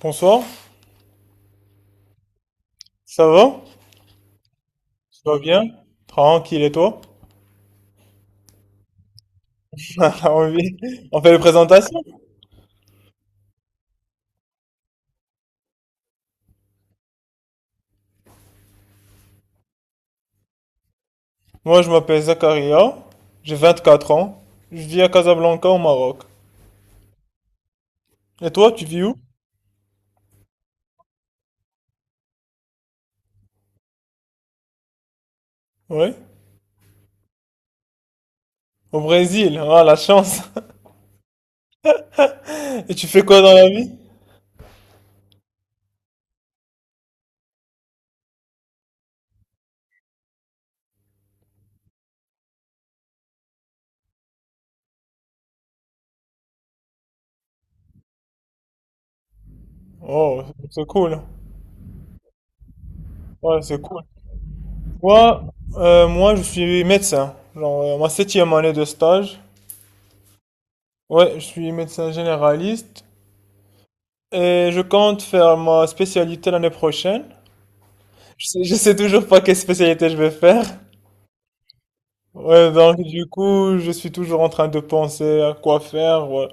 Bonsoir, ça va? Ça va bien? Tranquille et toi? Alors oui, on fait les présentations. Moi je m'appelle Zakaria, j'ai 24 ans, je vis à Casablanca au Maroc. Et toi tu vis où? Oui? Au Brésil, ah la chance! Et tu fais quoi dans la vie? Oh, c'est cool. Ouais, c'est cool. Moi, moi je suis médecin, genre ma septième année de stage. Ouais, je suis médecin généraliste et je compte faire ma spécialité l'année prochaine. Je sais toujours pas quelle spécialité je vais faire. Ouais, donc du coup, je suis toujours en train de penser à quoi faire, ouais.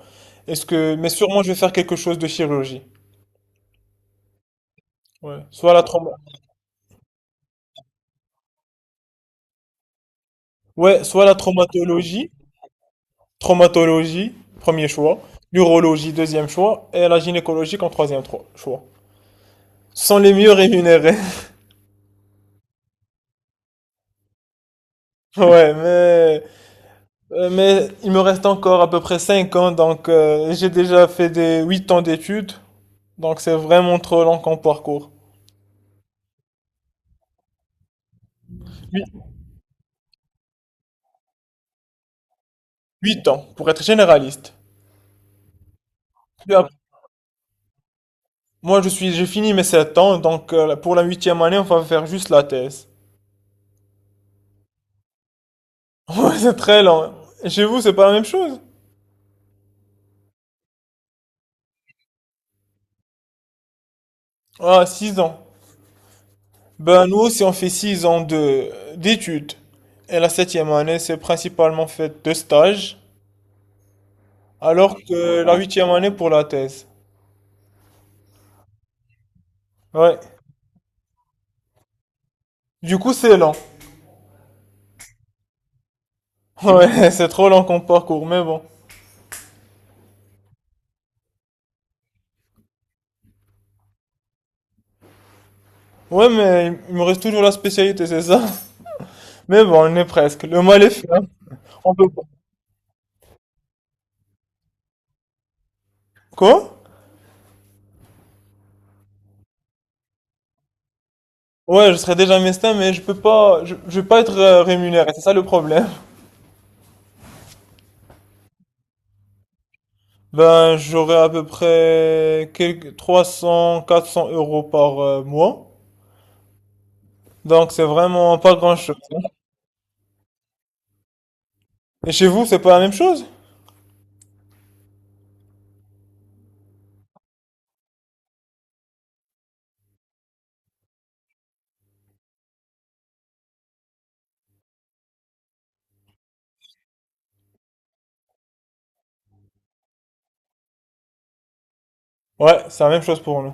Est-ce que, mais sûrement, je vais faire quelque chose de chirurgie. Ouais, ouais, soit la traumatologie, traumatologie, premier choix, l'urologie, deuxième choix, et la gynécologie en troisième choix. Ce sont les mieux rémunérés. Ouais, mais il me reste encore à peu près 5 ans, donc j'ai déjà fait des 8 ans d'études, donc c'est vraiment trop long comme parcours. 8 ans, pour être généraliste. Puis ap- Moi, j'ai fini mes 7 ans, donc pour la huitième année, on va faire juste la thèse. Ouais, c'est très lent. Chez vous, c'est pas la même chose? Ah, 6 ans. Ben, nous aussi, on fait 6 ans d'études. Et la septième année, c'est principalement fait de stages, alors que la huitième année pour la thèse. Ouais. Du coup, c'est lent. Ouais, c'est trop lent comme parcours, mais bon. Ouais, mais il me reste toujours la spécialité, c'est ça? Mais bon, on est presque. Le mal est fait, hein. On peut pas. Quoi? Ouais, je serais déjà mestin, mais je peux pas, je vais pas être rémunéré, c'est ça le problème. Ben, j'aurais à peu près quelques 300, 400 euros par mois. Donc, c'est vraiment pas grand-chose, hein. Et chez vous, c'est pas la même chose? Ouais, c'est la même chose pour nous.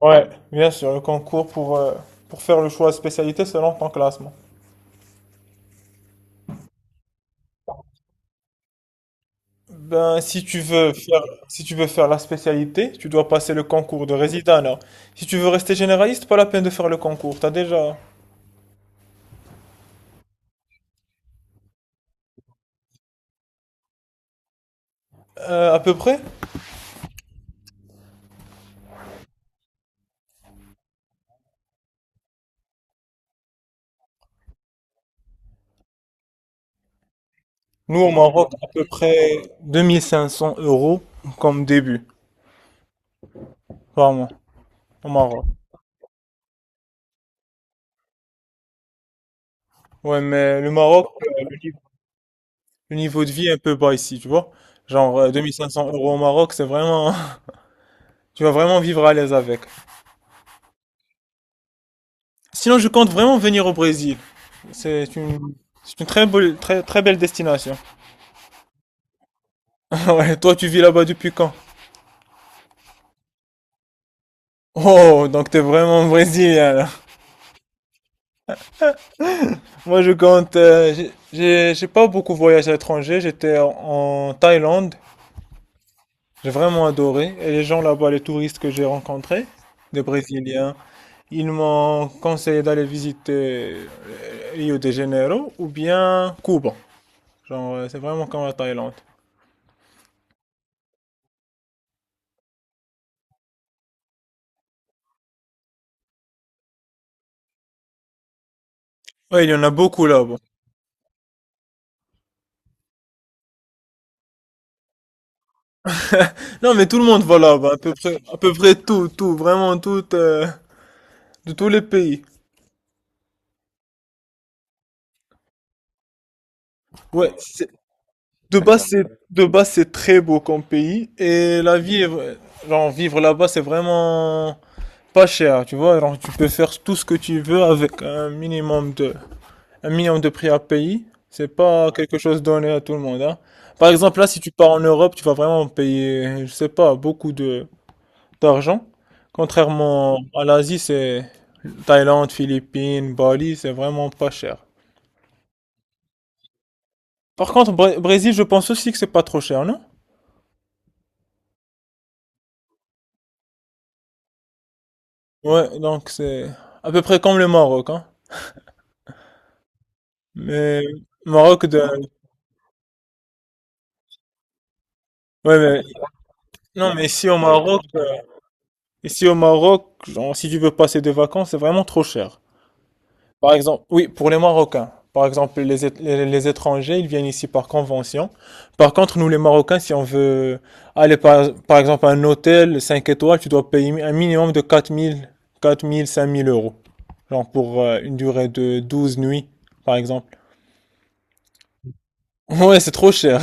Ouais, bien sûr, le concours pour faire le choix de spécialité selon ton classement. Ben, si tu veux faire la spécialité, tu dois passer le concours de résident, alors. Si tu veux rester généraliste, pas la peine de faire le concours. T'as déjà, à peu près? Nous, au Maroc, à peu près 2500 euros comme début, par mois, au Maroc. Ouais, mais le Maroc, le niveau de vie est un peu bas ici, tu vois. Genre, 2500 euros au Maroc, c'est vraiment. Tu vas vraiment vivre à l'aise avec. Sinon, je compte vraiment venir au Brésil. C'est une... C'est une très belle, très, très belle destination. Ouais, toi, tu vis là-bas depuis quand? Oh, donc t'es vraiment brésilien, là. Moi, je compte... j'ai pas beaucoup voyagé à l'étranger. J'étais en Thaïlande. J'ai vraiment adoré. Et les gens là-bas, les touristes que j'ai rencontrés, des Brésiliens, ils m'ont conseillé d'aller visiter Rio de Janeiro ou bien Cuba. Genre, c'est vraiment comme la Thaïlande. Ouais, il y en a beaucoup là-bas. Non, mais tout le monde va là-bas, à peu près tout, tout, vraiment tout, de tous les pays. Ouais, de base, c'est, de base, c'est très beau comme pays et la vie est, genre, vivre là-bas, c'est vraiment pas cher, tu vois. Alors, tu peux faire tout ce que tu veux avec un minimum de prix à payer. C'est pas quelque chose donné à tout le monde, hein. Par exemple, là, si tu pars en Europe, tu vas vraiment payer, je sais pas, beaucoup d'argent. Contrairement à l'Asie, c'est Thaïlande, Philippines, Bali, c'est vraiment pas cher. Par contre, Brésil, je pense aussi que c'est pas trop cher, non? Ouais, donc c'est à peu près comme le Maroc, hein. Mais Maroc de, ouais, mais non, Ici au Maroc, genre, si tu veux passer des vacances, c'est vraiment trop cher. Par exemple, oui, pour les Marocains. Par exemple, les étrangers, ils viennent ici par convention. Par contre, nous les Marocains, si on veut aller par exemple à un hôtel 5 étoiles, tu dois payer un minimum de quatre mille 5000 euros. Genre pour une durée de 12 nuits, par exemple. Ouais, c'est trop cher.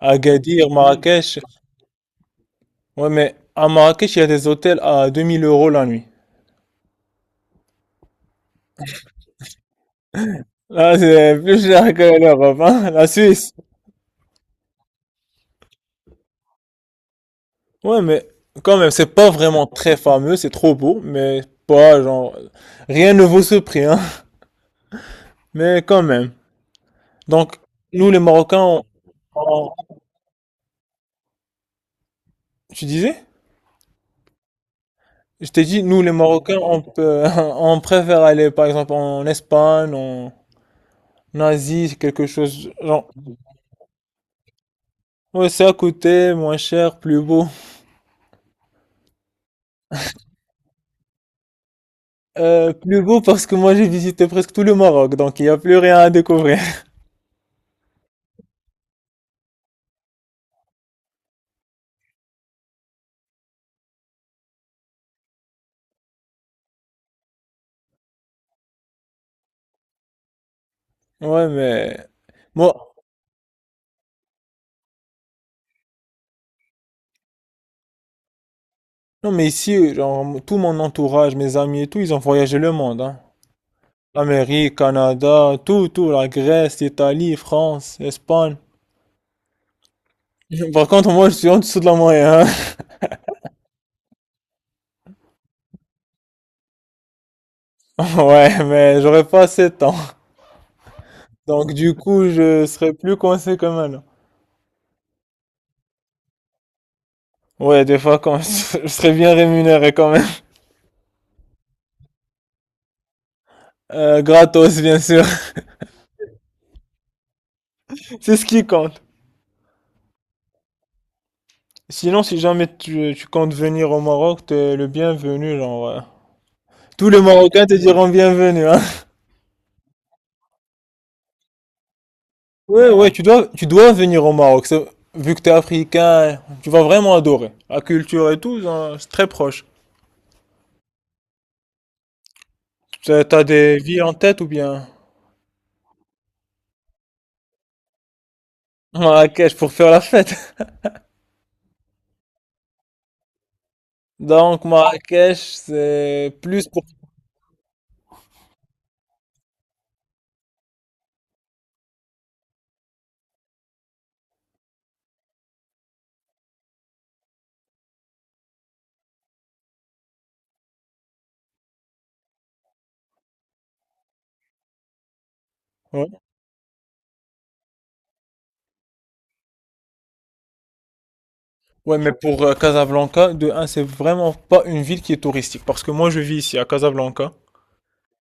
Agadir, Marrakech. Ouais, mais à Marrakech, il y a des hôtels à 2000 euros la nuit. Là, c'est plus cher que l'Europe, hein, la Suisse. Ouais, mais quand même, c'est pas vraiment très fameux, c'est trop beau, mais pas genre. Rien ne vaut ce prix, hein. Mais quand même. Donc, nous les Marocains, on- tu disais? Je t'ai dit, nous les Marocains, on peut, on préfère aller par exemple en Espagne, en Asie, quelque chose. Genre, ouais, c'est à côté, moins cher, plus beau. Plus beau parce que moi j'ai visité presque tout le Maroc, donc il n'y a plus rien à découvrir. Ouais, mais. Moi, Non, mais ici, genre, tout mon entourage, mes amis et tout, ils ont voyagé le monde, hein. L'Amérique, Canada, tout, tout, la Grèce, l'Italie, France, Espagne. Par contre, moi, je suis en dessous de la moyenne, hein. Ouais, mais j'aurais pas assez de temps. Donc, du coup, je serais plus coincé quand même. Ouais, des fois, quand je serais bien rémunéré quand même. Gratos, bien sûr. C'est ce qui compte. Sinon, si jamais tu comptes venir au Maroc, t'es le bienvenu, genre. Tous les Marocains te diront bienvenue, hein. Ouais, ouais, tu dois venir au Maroc. Vu que t'es africain, tu vas vraiment adorer. La culture et tout, hein, c'est très proche. T'as des villes en tête ou bien Marrakech pour faire la fête. Donc Marrakech, c'est plus pour. Ouais. Ouais, mais pour Casablanca, de un, c'est vraiment pas une ville qui est touristique. Parce que moi, je vis ici à Casablanca.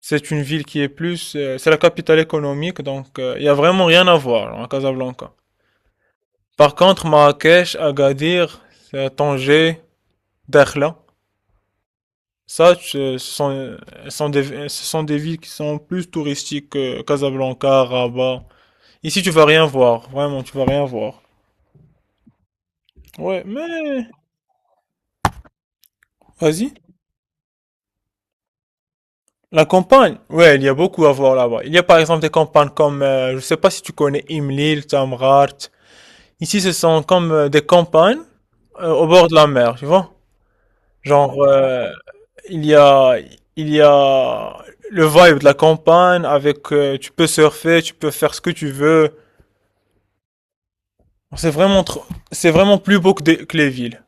C'est une ville qui est plus. C'est la capitale économique, donc il y a vraiment rien à voir à Casablanca. Par contre, Marrakech, Agadir, Tanger, Dakhla. Ça, ce sont des villes qui sont plus touristiques que Casablanca, Rabat. Ici, tu vas rien voir. Vraiment, tu vas rien voir. Ouais, mais, vas-y. La campagne. Ouais, il y a beaucoup à voir là-bas. Il y a par exemple des campagnes comme, je sais pas si tu connais Imlil, Tamrat. Ici, ce sont comme des campagnes au bord de la mer, tu vois. Genre, il y a, il y a le vibe de la campagne avec, tu peux surfer, tu peux faire ce que tu veux. C'est vraiment trop, c'est vraiment plus beau que les villes.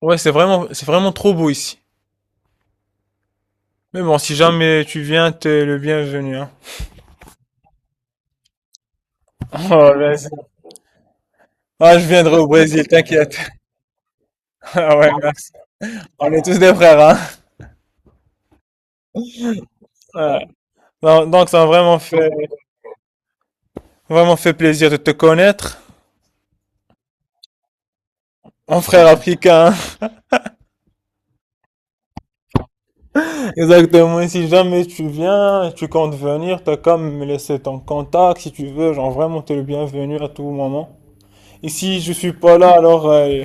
Ouais, c'est vraiment trop beau ici. Mais bon, si jamais tu viens, t'es le bienvenu, hein. Oh, vas-y. Ah, je viendrai au Brésil, t'inquiète. Ah ouais, merci. On est tous des frères, hein. Ouais. Non, donc, ça m'a vraiment fait plaisir de te connaître. Mon frère africain, hein. Exactement. Et si jamais tu viens, tu comptes venir, t'as comme me laisser ton contact si tu veux. Genre, vraiment, t'es le bienvenu à tout moment. Ici, je suis pas là, alors,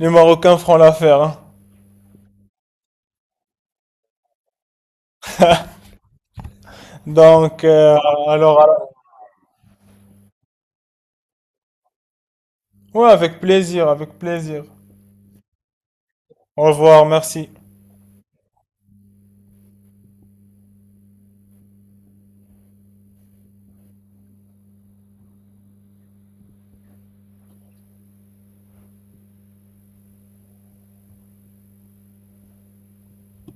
les Marocains feront l'affaire, hein. Donc, alors, ouais, avec plaisir, avec plaisir. Au revoir, merci.